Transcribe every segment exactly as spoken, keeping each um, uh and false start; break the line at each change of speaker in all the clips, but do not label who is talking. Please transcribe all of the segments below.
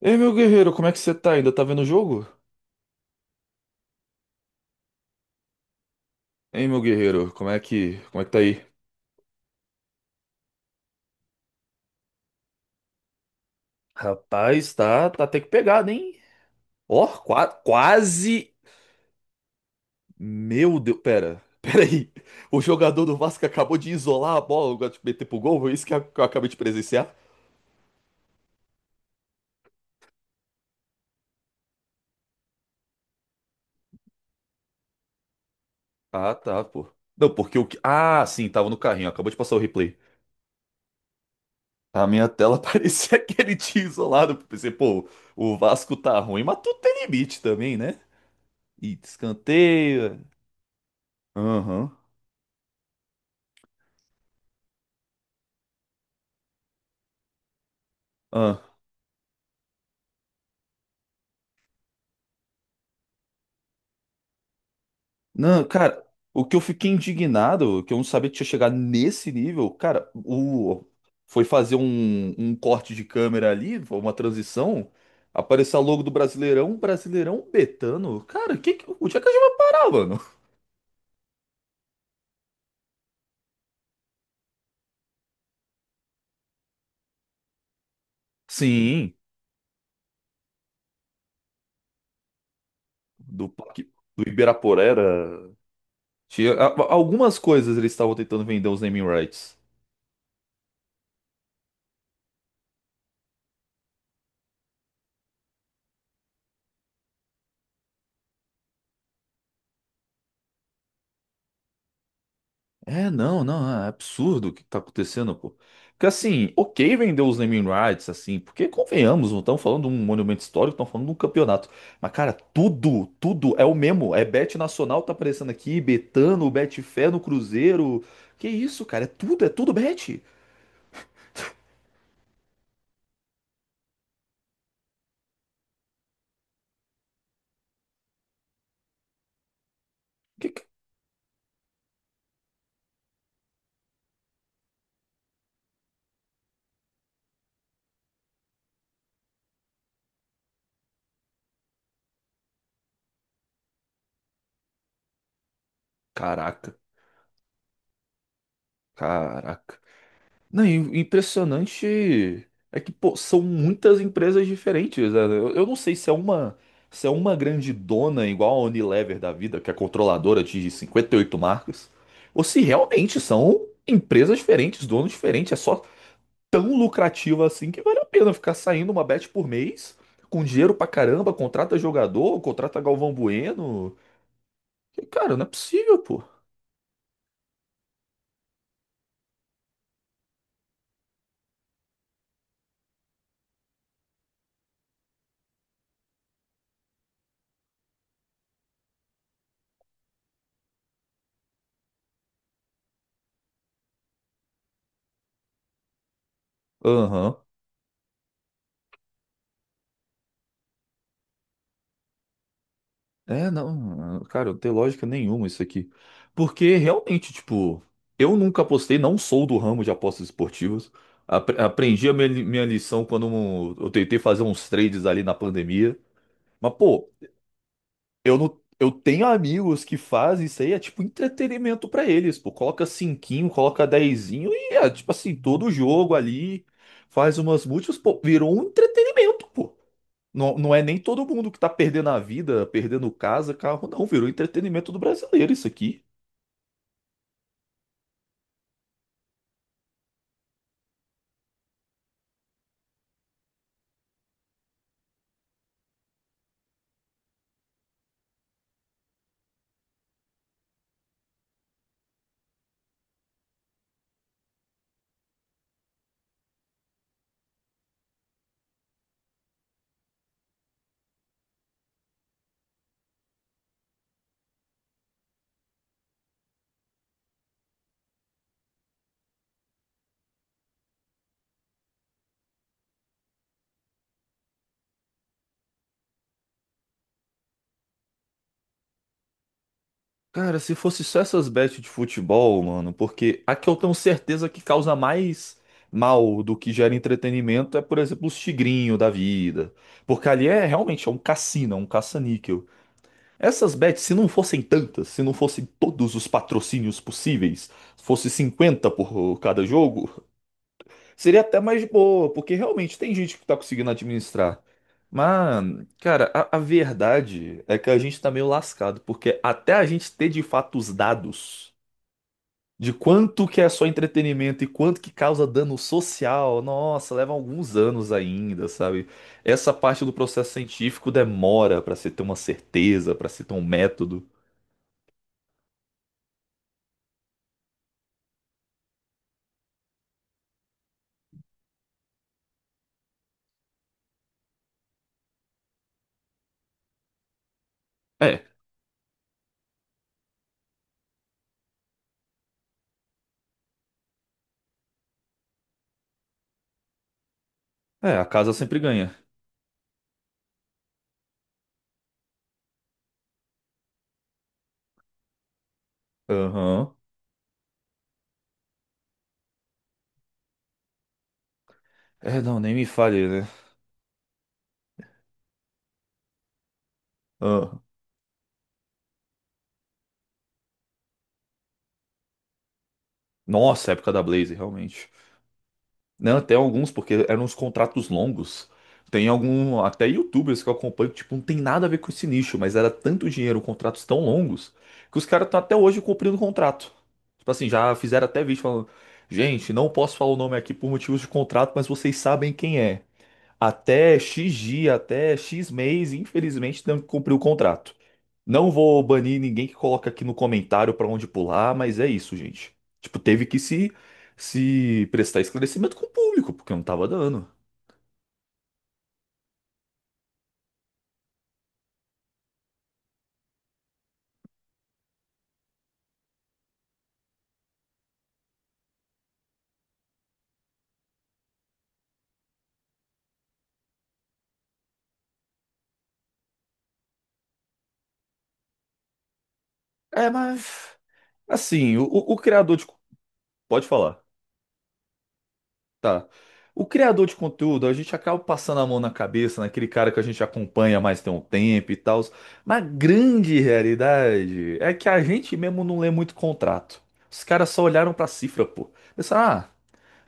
Ei, meu guerreiro, como é que você tá? Ainda tá vendo o jogo? Ei, meu guerreiro, como é que, como é que tá aí? Rapaz, tá, tá até que pegado, hein? Ó, qua- quase. Meu Deus, pera, pera aí. O jogador do Vasco acabou de isolar a bola, agora de meter pro gol, foi isso que eu que eu acabei de presenciar? Ah, tá, pô. Não, porque o que. Ah, sim, tava no carrinho, acabou de passar o replay. A minha tela parecia que ele tinha isolado. Pensei, pô, o Vasco tá ruim, mas tudo tem limite também, né? E escanteio. Aham. Aham. Não, cara, o que eu fiquei indignado, que eu não sabia que tinha chegado nesse nível, cara, o foi fazer um, um corte de câmera ali, foi uma transição, apareceu a logo do Brasileirão, um Brasileirão Betano. Cara, que, que- onde é que a gente vai parar, mano? Sim, do, Parque- do Ibirapuera. Tinha, a- algumas coisas eles estavam tentando vender os naming rights. É, não, não, é absurdo o que tá acontecendo, pô. Porque assim, ok vender os naming rights, assim, porque convenhamos, não estão falando de um monumento histórico, estão falando de um campeonato. Mas, cara, tudo, tudo é o mesmo. É Bet Nacional tá aparecendo aqui, Betano, Betfé no Cruzeiro. Que isso, cara? É tudo, é tudo Bet. Que... que- Caraca, caraca. Não, e o impressionante é que, pô, são muitas empresas diferentes, né? Eu, eu não sei se é uma, se é uma grande dona igual a Unilever da vida, que é controladora de cinquenta e oito marcas, ou se realmente são empresas diferentes, donos diferentes. É só tão lucrativo assim que vale a pena ficar saindo uma bet por mês, com dinheiro pra caramba, contrata jogador, contrata Galvão Bueno. E, cara, não é possível, pô. Aham. É, não, cara, não tem lógica nenhuma isso aqui. Porque realmente, tipo, eu nunca apostei, não sou do ramo de apostas esportivas. Apre- Aprendi a minha, li- minha lição quando um- eu tentei fazer uns trades ali na pandemia. Mas, pô, eu não, eu tenho amigos que fazem isso aí, é tipo entretenimento pra eles, pô. Coloca cinquinho, coloca dezinho e é tipo assim, todo jogo ali faz umas múltiplas, pô, virou um entretenimento, pô. Não, não é nem todo mundo que tá perdendo a vida, perdendo casa, carro, não. Virou entretenimento do brasileiro isso aqui. Cara, se fosse só essas bets de futebol, mano, porque a que eu tenho certeza que causa mais mal do que gera entretenimento é, por exemplo, os tigrinho da vida. Porque ali é realmente é um cassino, é um caça-níquel. Essas bets, se não fossem tantas, se não fossem todos os patrocínios possíveis, fosse cinquenta por cada jogo, seria até mais boa, porque realmente tem gente que tá conseguindo administrar. Mas, cara, a, a verdade é que a gente tá meio lascado, porque até a gente ter de fato os dados de quanto que é só entretenimento e quanto que causa dano social, nossa, leva alguns anos ainda, sabe? Essa parte do processo científico demora pra se ter uma certeza, pra se ter um método. É, é, a casa sempre ganha. Aham. É, não, nem me fale, né? Ah. Nossa, época da Blaze, realmente. Não, até alguns, porque eram uns contratos longos. Tem algum, até YouTubers que eu acompanho, que, tipo, não tem nada a ver com esse nicho, mas era tanto dinheiro, contratos tão longos, que os caras estão até hoje cumprindo o contrato. Tipo assim, já fizeram até vídeo falando, gente, não posso falar o nome aqui por motivos de contrato, mas vocês sabem quem é. Até X dia, até X mês, infelizmente, tem que cumprir o contrato. Não vou banir ninguém que coloca aqui no comentário pra onde pular, mas é isso, gente. Tipo, teve que se, se prestar esclarecimento com o público, porque não tava dando. É, mas assim, o, o- o criador de. co- Pode falar, tá. O criador de conteúdo, a gente acaba passando a mão na cabeça, naquele cara que a gente acompanha mais tem um tempo e tal. Mas a grande realidade é que a gente mesmo não lê muito contrato. Os caras só olharam pra cifra, pô. Pensaram, ah.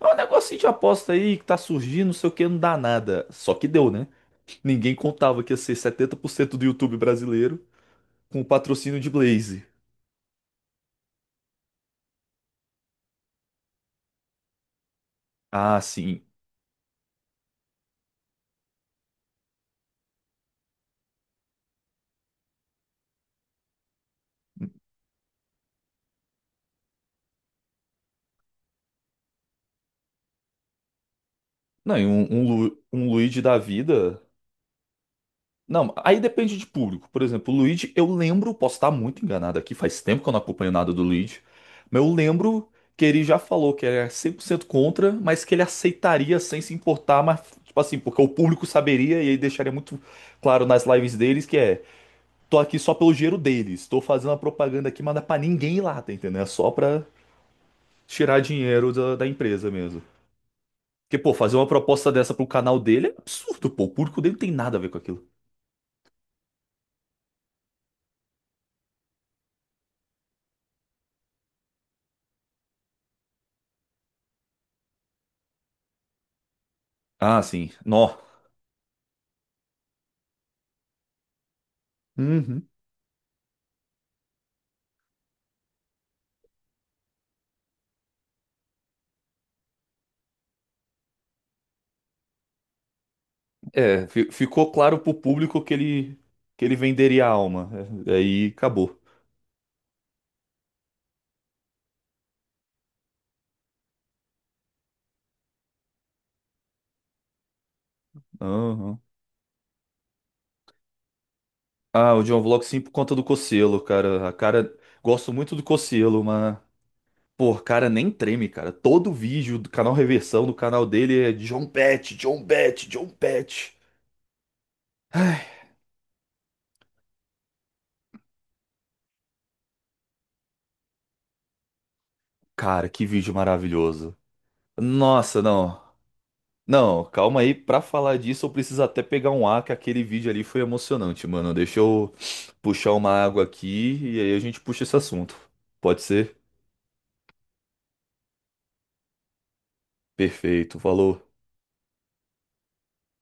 É um negocinho de aposta aí que tá surgindo, não sei o que, não dá nada. Só que deu, né? Ninguém contava que ia ser setenta por cento do YouTube brasileiro com o patrocínio de Blaze. Ah, sim. Não, e um, um, Lu- um Luigi da vida. Não, aí depende de público. Por exemplo, o Luigi, eu lembro, posso estar muito enganado aqui, faz tempo que eu não acompanho nada do Luigi, mas eu lembro que ele já falou que era cem por cento contra, mas que ele aceitaria sem se importar, mas, tipo assim, porque o público saberia e aí deixaria muito claro nas lives deles que é. Tô aqui só pelo dinheiro deles. Tô fazendo a propaganda aqui, mas não é pra ninguém ir lá, tá entendendo? É só pra tirar dinheiro da, da empresa mesmo. Porque, pô, fazer uma proposta dessa pro canal dele é absurdo, pô. O público dele não tem nada a ver com aquilo. Ah, sim. Nó. Uhum. É, fi- ficou claro pro público que ele, que ele venderia a alma. É, aí acabou. Aham. Ah, o John Vlog sim por conta do Cocielo, cara. A cara. Gosto muito do Cocielo, mas. Pô, cara, nem treme, cara. Todo vídeo do canal Reversão, do canal dele é John Pet, John Pet, John Pet. Cara, que vídeo maravilhoso. Nossa, não. Não, calma aí. Pra falar disso, eu preciso até pegar um ar, que aquele vídeo ali foi emocionante, mano. Deixa eu puxar uma água aqui e aí a gente puxa esse assunto. Pode ser? Perfeito, falou.